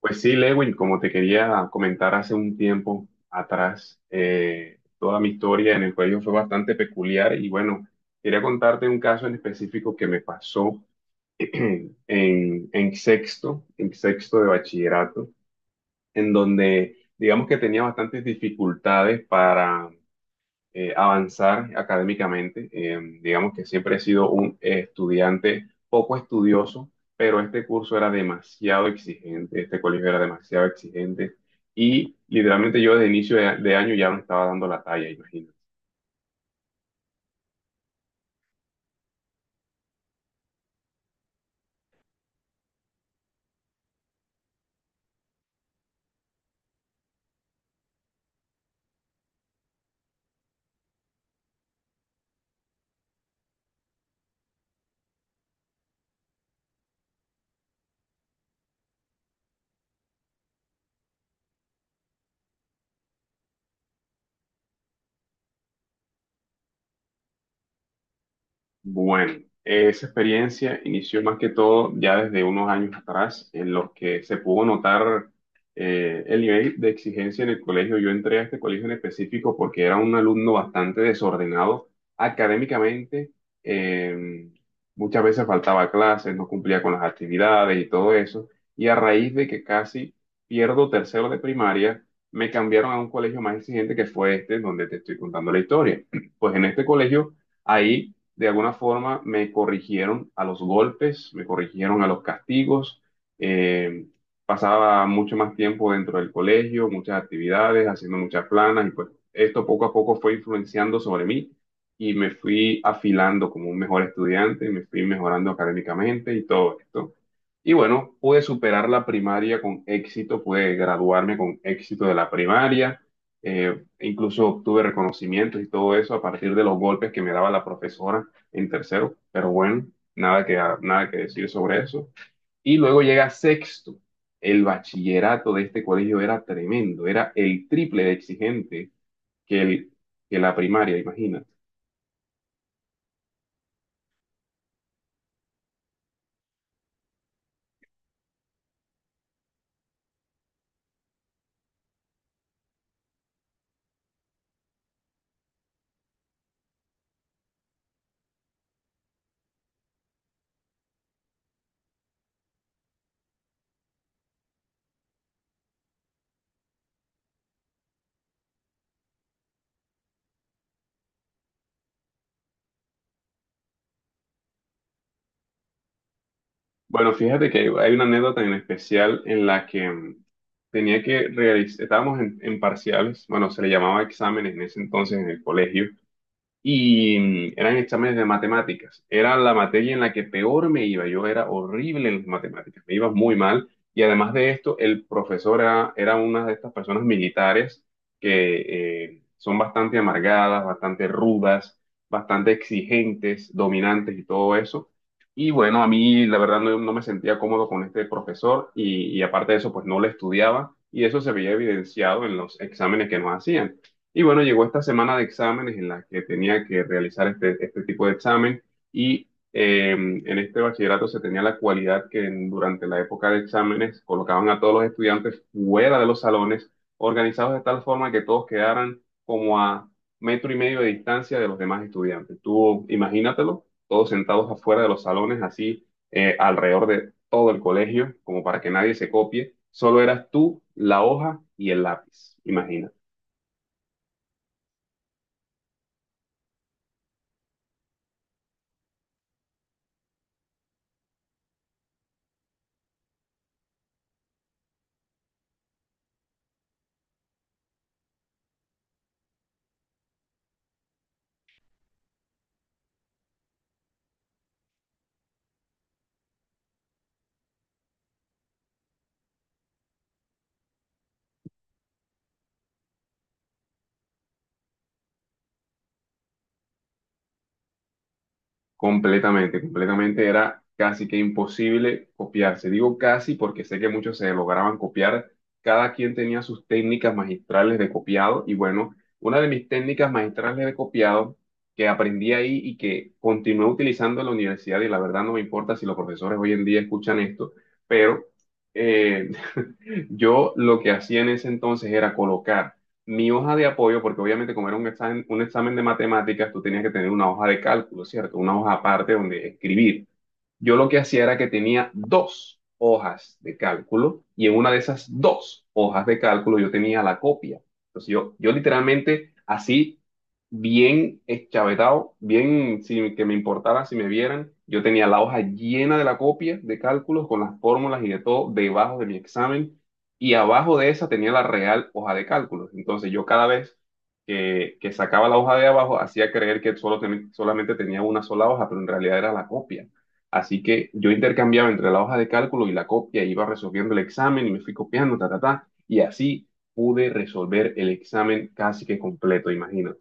Pues sí, Lewin, como te quería comentar hace un tiempo atrás, toda mi historia en el colegio fue bastante peculiar y bueno, quería contarte un caso en específico que me pasó en, en sexto de bachillerato, en donde digamos que tenía bastantes dificultades para avanzar académicamente. Digamos que siempre he sido un estudiante poco estudioso, pero este curso era demasiado exigente, este colegio era demasiado exigente y literalmente yo desde inicio de año ya me estaba dando la talla, imagínate. Bueno, esa experiencia inició más que todo ya desde unos años atrás, en los que se pudo notar el nivel de exigencia en el colegio. Yo entré a este colegio en específico porque era un alumno bastante desordenado académicamente. eh, Muchas veces faltaba a clases, no cumplía con las actividades y todo eso. Y a raíz de que casi pierdo tercero de primaria, me cambiaron a un colegio más exigente que fue este, donde te estoy contando la historia. Pues en este colegio, ahí de alguna forma me corrigieron a los golpes, me corrigieron a los castigos. eh, Pasaba mucho más tiempo dentro del colegio, muchas actividades, haciendo muchas planas y pues esto poco a poco fue influenciando sobre mí y me fui afilando como un mejor estudiante, me fui mejorando académicamente y todo esto. Y bueno, pude superar la primaria con éxito, pude graduarme con éxito de la primaria, incluso obtuve reconocimientos y todo eso a partir de los golpes que me daba la profesora en tercero, pero bueno, nada que, nada que decir sobre eso. Y luego llega sexto. El bachillerato de este colegio era tremendo, era el triple de exigente que, el, que la primaria, imagínate. Bueno, fíjate que hay una anécdota en especial en la que tenía que realizar, estábamos en parciales, bueno, se le llamaba exámenes en ese entonces en el colegio, y eran exámenes de matemáticas. Era la materia en la que peor me iba. Yo era horrible en las matemáticas, me iba muy mal. Y además de esto, el profesor era, era una de estas personas militares que son bastante amargadas, bastante rudas, bastante exigentes, dominantes y todo eso. Y bueno, a mí la verdad no, no me sentía cómodo con este profesor y aparte de eso, pues no le estudiaba y eso se veía evidenciado en los exámenes que nos hacían. Y bueno, llegó esta semana de exámenes en la que tenía que realizar este, este tipo de examen y en este bachillerato se tenía la cualidad que durante la época de exámenes colocaban a todos los estudiantes fuera de los salones, organizados de tal forma que todos quedaran como a metro y medio de distancia de los demás estudiantes. Tú imagínatelo, todos sentados afuera de los salones, así alrededor de todo el colegio, como para que nadie se copie. Solo eras tú, la hoja y el lápiz. Imagínate. Completamente, completamente era casi que imposible copiarse. Digo casi porque sé que muchos se lograban copiar. Cada quien tenía sus técnicas magistrales de copiado y bueno, una de mis técnicas magistrales de copiado que aprendí ahí y que continué utilizando en la universidad y la verdad no me importa si los profesores hoy en día escuchan esto, pero eh, yo lo que hacía en ese entonces era colocar mi hoja de apoyo, porque obviamente como era un examen de matemáticas, tú tenías que tener una hoja de cálculo, ¿cierto? Una hoja aparte donde escribir yo lo que hacía era que tenía dos hojas de cálculo y en una de esas dos hojas de cálculo yo tenía la copia. Entonces yo literalmente así, bien eschavetado, bien sin que me importara si me vieran, yo tenía la hoja llena de la copia de cálculos con las fórmulas y de todo debajo de mi examen y abajo de esa tenía la real hoja de cálculos. Entonces yo cada vez... que sacaba la hoja de abajo, hacía creer que solamente tenía una sola hoja, pero en realidad era la copia. Así que yo intercambiaba entre la hoja de cálculo y la copia, iba resolviendo el examen y me fui copiando, ta, ta, ta, y así pude resolver el examen casi que completo, imagínate.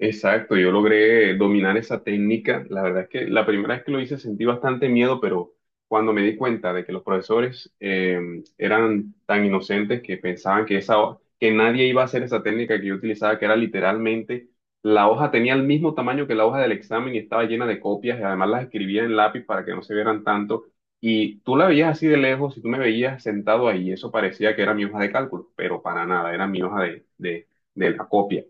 Exacto, yo logré dominar esa técnica. La verdad es que la primera vez que lo hice sentí bastante miedo, pero cuando me di cuenta de que los profesores eran tan inocentes que pensaban que que nadie iba a hacer esa técnica que yo utilizaba, que era literalmente la hoja tenía el mismo tamaño que la hoja del examen y estaba llena de copias y además las escribía en lápiz para que no se vieran tanto. Y tú la veías así de lejos y tú me veías sentado ahí, eso parecía que era mi hoja de cálculo, pero para nada, era mi hoja de la copia.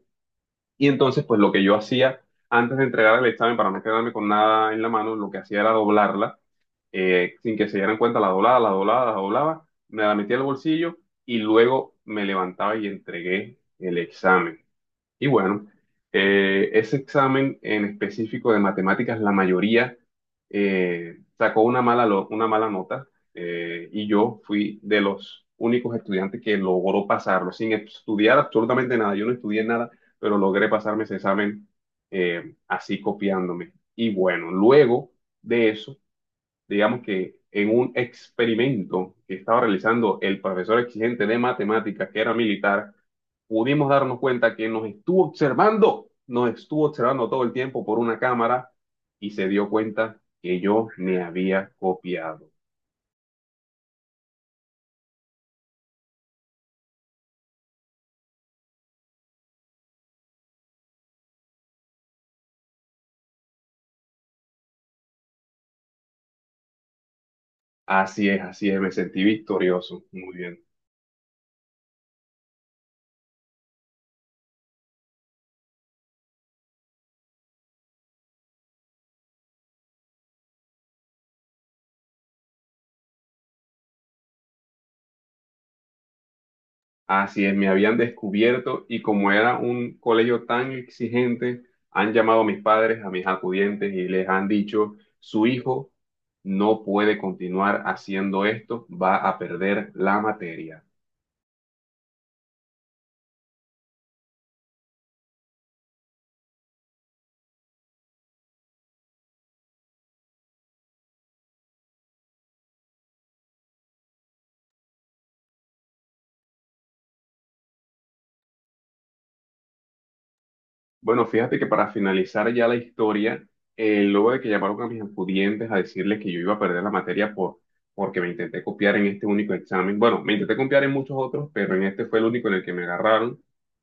Y entonces, pues lo que yo hacía antes de entregar el examen para no quedarme con nada en la mano, lo que hacía era doblarla, sin que se dieran cuenta, la doblaba, la doblaba, la doblaba, me la metía al bolsillo y luego me levantaba y entregué el examen. Y bueno, ese examen en específico de matemáticas, la mayoría sacó una mala, una mala nota y yo fui de los únicos estudiantes que logró pasarlo sin estudiar absolutamente nada. Yo no estudié nada, pero logré pasarme ese examen así copiándome. Y bueno, luego de eso digamos que en un experimento que estaba realizando el profesor exigente de matemáticas, que era militar, pudimos darnos cuenta que nos estuvo observando todo el tiempo por una cámara y se dio cuenta que yo me había copiado. Así es, me sentí victorioso. Muy bien. Así es, me habían descubierto y como era un colegio tan exigente, han llamado a mis padres, a mis acudientes y les han dicho, su hijo no puede continuar haciendo esto, va a perder la materia. Bueno, fíjate que para finalizar ya la historia, luego de que llamaron a mis estudiantes a decirles que yo iba a perder la materia porque me intenté copiar en este único examen, bueno, me intenté copiar en muchos otros, pero en este fue el único en el que me agarraron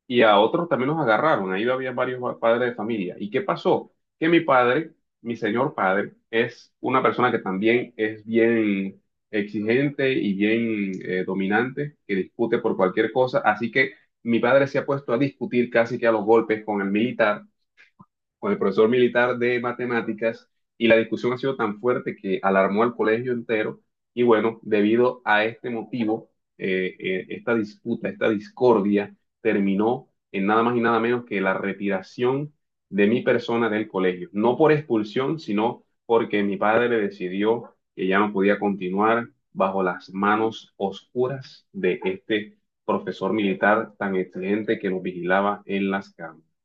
y a otros también los agarraron, ahí había varios padres de familia. ¿Y qué pasó? Que mi padre, mi señor padre, es una persona que también es bien exigente y bien dominante, que discute por cualquier cosa, así que mi padre se ha puesto a discutir casi que a los golpes con el militar con el profesor militar de matemáticas y la discusión ha sido tan fuerte que alarmó al colegio entero y bueno, debido a este motivo, esta disputa, esta discordia terminó en nada más y nada menos que la retiración de mi persona del colegio, no por expulsión, sino porque mi padre decidió que ya no podía continuar bajo las manos oscuras de este profesor militar tan excelente que nos vigilaba en las cámaras.